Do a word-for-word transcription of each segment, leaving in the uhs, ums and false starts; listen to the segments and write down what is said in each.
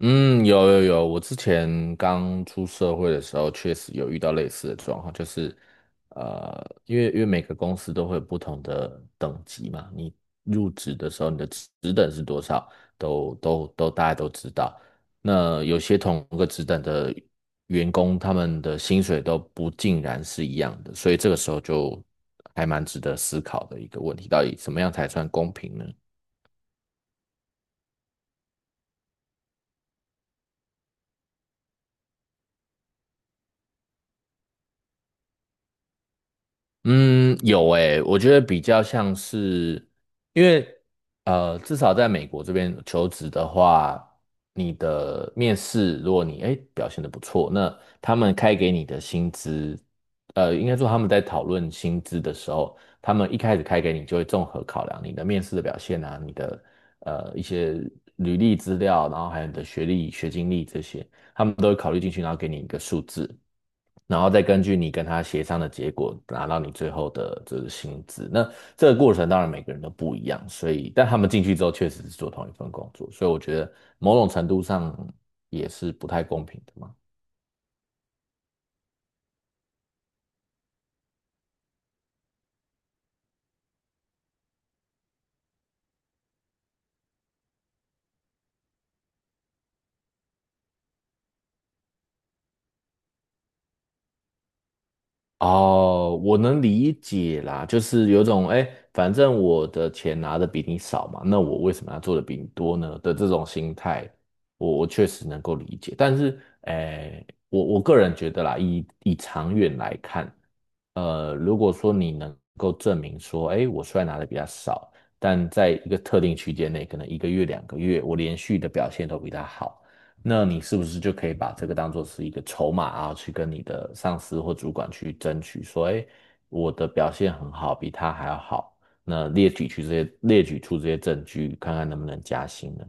嗯，有有有，我之前刚出社会的时候，确实有遇到类似的状况，就是，呃，因为因为每个公司都会有不同的等级嘛，你入职的时候你的职职等是多少，都都都大家都知道。那有些同个职等的员工，他们的薪水都不尽然是一样的，所以这个时候就还蛮值得思考的一个问题，到底怎么样才算公平呢？嗯，有诶，我觉得比较像是，因为呃，至少在美国这边求职的话，你的面试，如果你诶表现的不错，那他们开给你的薪资，呃，应该说他们在讨论薪资的时候，他们一开始开给你就会综合考量你的面试的表现啊，你的呃一些履历资料，然后还有你的学历、学经历这些。他们都会考虑进去，然后给你一个数字，然后再根据你跟他协商的结果，拿到你最后的这个薪资。那这个过程当然每个人都不一样，所以但他们进去之后确实是做同一份工作，所以我觉得某种程度上也是不太公平的嘛。哦，我能理解啦，就是有种哎，反正我的钱拿的比你少嘛，那我为什么要做的比你多呢的这种心态，我我确实能够理解。但是，哎，我我个人觉得啦，以以长远来看，呃，如果说你能够证明说，哎，我虽然拿的比较少，但在一个特定区间内，可能一个月、两个月，我连续的表现都比他好，那你是不是就可以把这个当做是一个筹码啊，去跟你的上司或主管去争取，说，哎，我的表现很好，比他还要好，那列举出这些列举出这些证据，看看能不能加薪呢？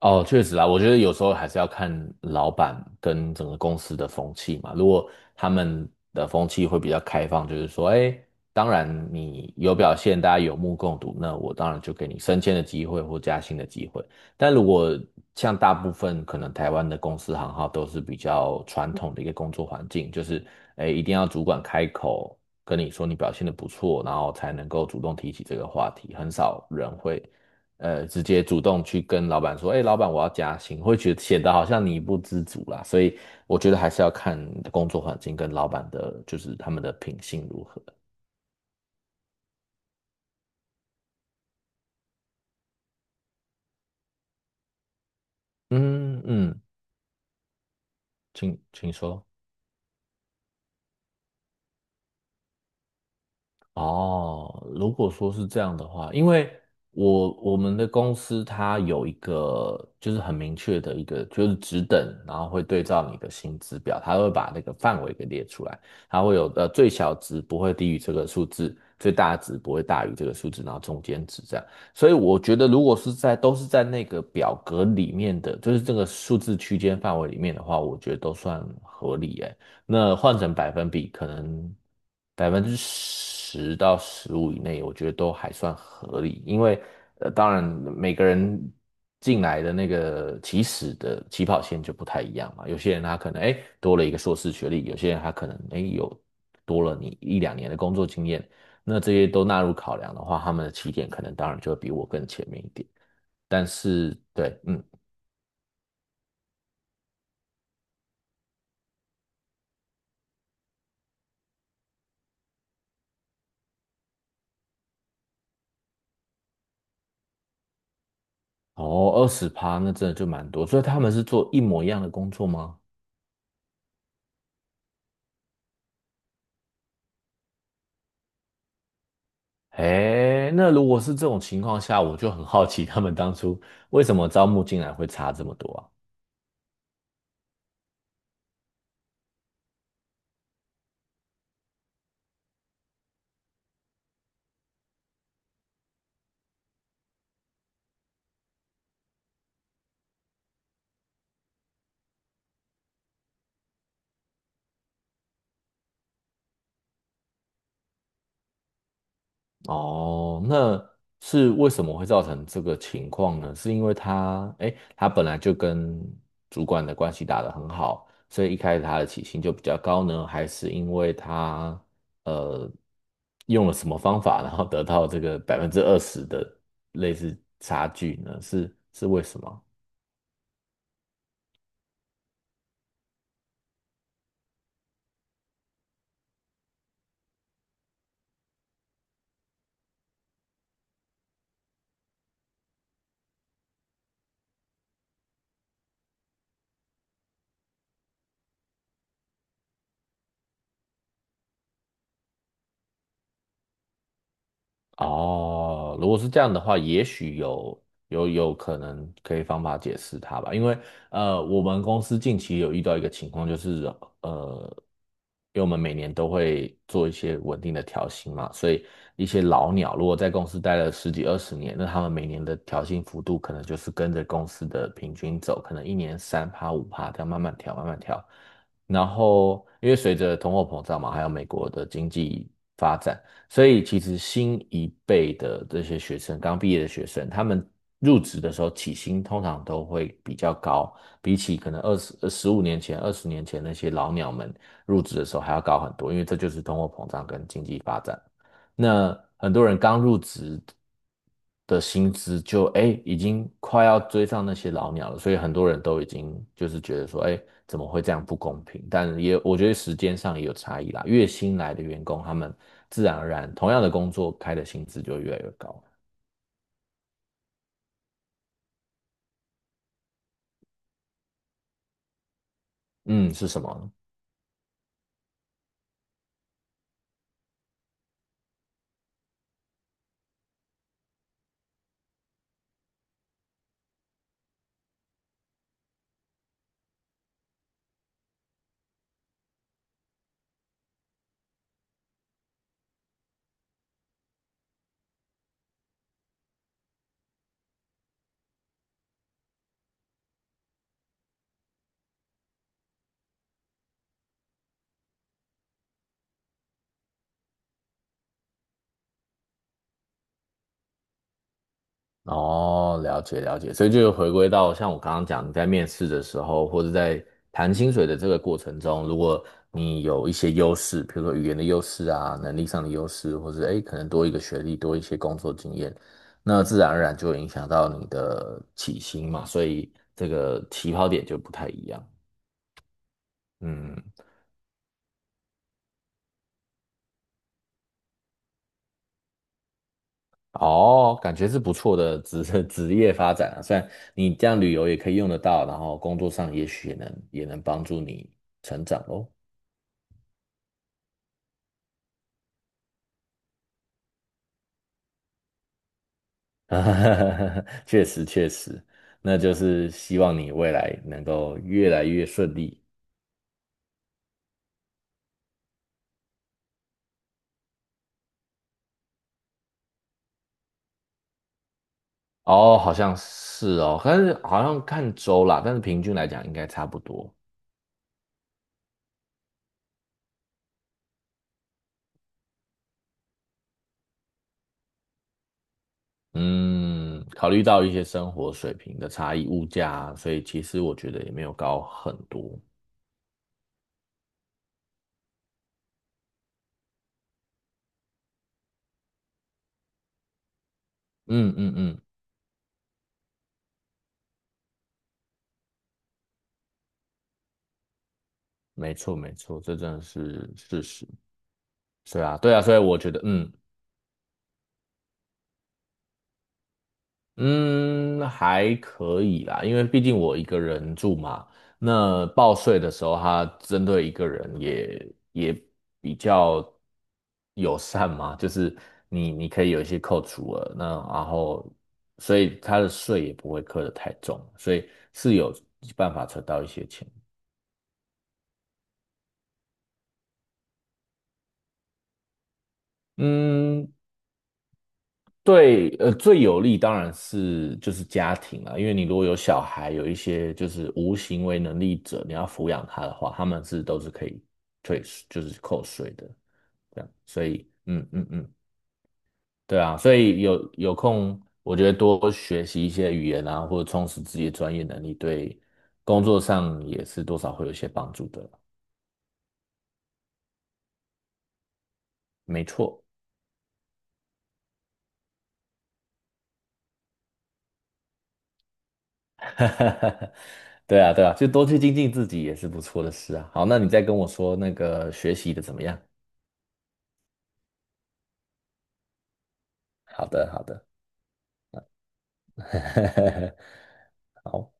哦，确实啊，我觉得有时候还是要看老板跟整个公司的风气嘛。如果他们的风气会比较开放，就是说，哎，当然你有表现，大家有目共睹，那我当然就给你升迁的机会或加薪的机会。但如果像大部分可能台湾的公司行号都是比较传统的一个工作环境，就是哎，一定要主管开口跟你说你表现的不错，然后才能够主动提起这个话题，很少人会。呃直接主动去跟老板说，哎，老板我要加薪，会觉得显得好像你不知足啦。所以我觉得还是要看你的工作环境跟老板的，就是他们的品性如何。嗯嗯，请请说。哦，如果说是这样的话，因为我我们的公司它有一个就是很明确的一个就是职等，然后会对照你的薪资表，它会把那个范围给列出来，它会有的最小值不会低于这个数字，最大值不会大于这个数字，然后中间值这样。所以我觉得如果是在都是在那个表格里面的，就是这个数字区间范围里面的话，我觉得都算合理诶。那换成百分比，可能百分之十到十五以内，我觉得都还算合理。因为呃，当然每个人进来的那个起始的起跑线就不太一样嘛。有些人他可能哎多了一个硕士学历，有些人他可能哎有多了你一两年的工作经验。那这些都纳入考量的话，他们的起点可能当然就会比我更前面一点。但是对，嗯，哦，二十趴那真的就蛮多，所以他们是做一模一样的工作吗？哎，那如果是这种情况下，我就很好奇他们当初为什么招募进来会差这么多啊？哦，那是为什么会造成这个情况呢？是因为他，哎，他本来就跟主管的关系打得很好，所以一开始他的起薪就比较高呢，还是因为他呃用了什么方法，然后得到这个百分之二十的类似差距呢？是是为什么？哦，如果是这样的话，也许有有有可能可以方法解释它吧，因为呃，我们公司近期有遇到一个情况，就是呃，因为我们每年都会做一些稳定的调薪嘛，所以一些老鸟如果在公司待了十几二十年，那他们每年的调薪幅度可能就是跟着公司的平均走，可能一年三趴五趴这样慢慢调慢慢调，然后因为随着通货膨胀嘛，还有美国的经济发展。所以其实新一辈的这些学生，刚毕业的学生，他们入职的时候起薪通常都会比较高，比起可能二十、呃十五年前、二十年前那些老鸟们入职的时候还要高很多，因为这就是通货膨胀跟经济发展。那很多人刚入职的薪资就哎已经快要追上那些老鸟了，所以很多人都已经就是觉得说哎怎么会这样不公平？但也我觉得时间上也有差异啦，越新来的员工他们自然而然同样的工作开的薪资就越来越高。嗯，是什么呢？哦，了解了解，所以就回归到像我刚刚讲，你在面试的时候，或者在谈薪水的这个过程中，如果你有一些优势，比如说语言的优势啊，能力上的优势，或者诶可能多一个学历，多一些工作经验，那自然而然就会影响到你的起薪嘛，所以这个起跑点就不太一样。嗯，哦，感觉是不错的职 职业发展啊，虽然你这样旅游也可以用得到，然后工作上也许也能也能帮助你成长哦。啊，确实确实，那就是希望你未来能够越来越顺利。哦，好像是哦，但是好像看州啦，但是平均来讲应该差不多。嗯，考虑到一些生活水平的差异、物价啊所以其实我觉得也没有高很多。嗯嗯嗯，没错没错，这真的是事实。对啊对啊，所以我觉得嗯。嗯，还可以啦，因为毕竟我一个人住嘛，那报税的时候，它针对一个人也也比较友善嘛，就是你你可以有一些扣除额，那然后所以它的税也不会课得太重，所以是有办法存到一些钱。嗯，对，呃，最有利当然是就是家庭啦，因为你如果有小孩，有一些就是无行为能力者，你要抚养他的话，他们是都是可以退税，就是扣税的，这样，所以，嗯嗯嗯，对啊，所以有有空，我觉得多学习一些语言啊，或者充实自己的专业能力，对工作上也是多少会有一些帮助的，没错，对啊对啊，就多去精进自己也是不错的事啊。好，那你再跟我说那个学习的怎么样？好的，好的，好，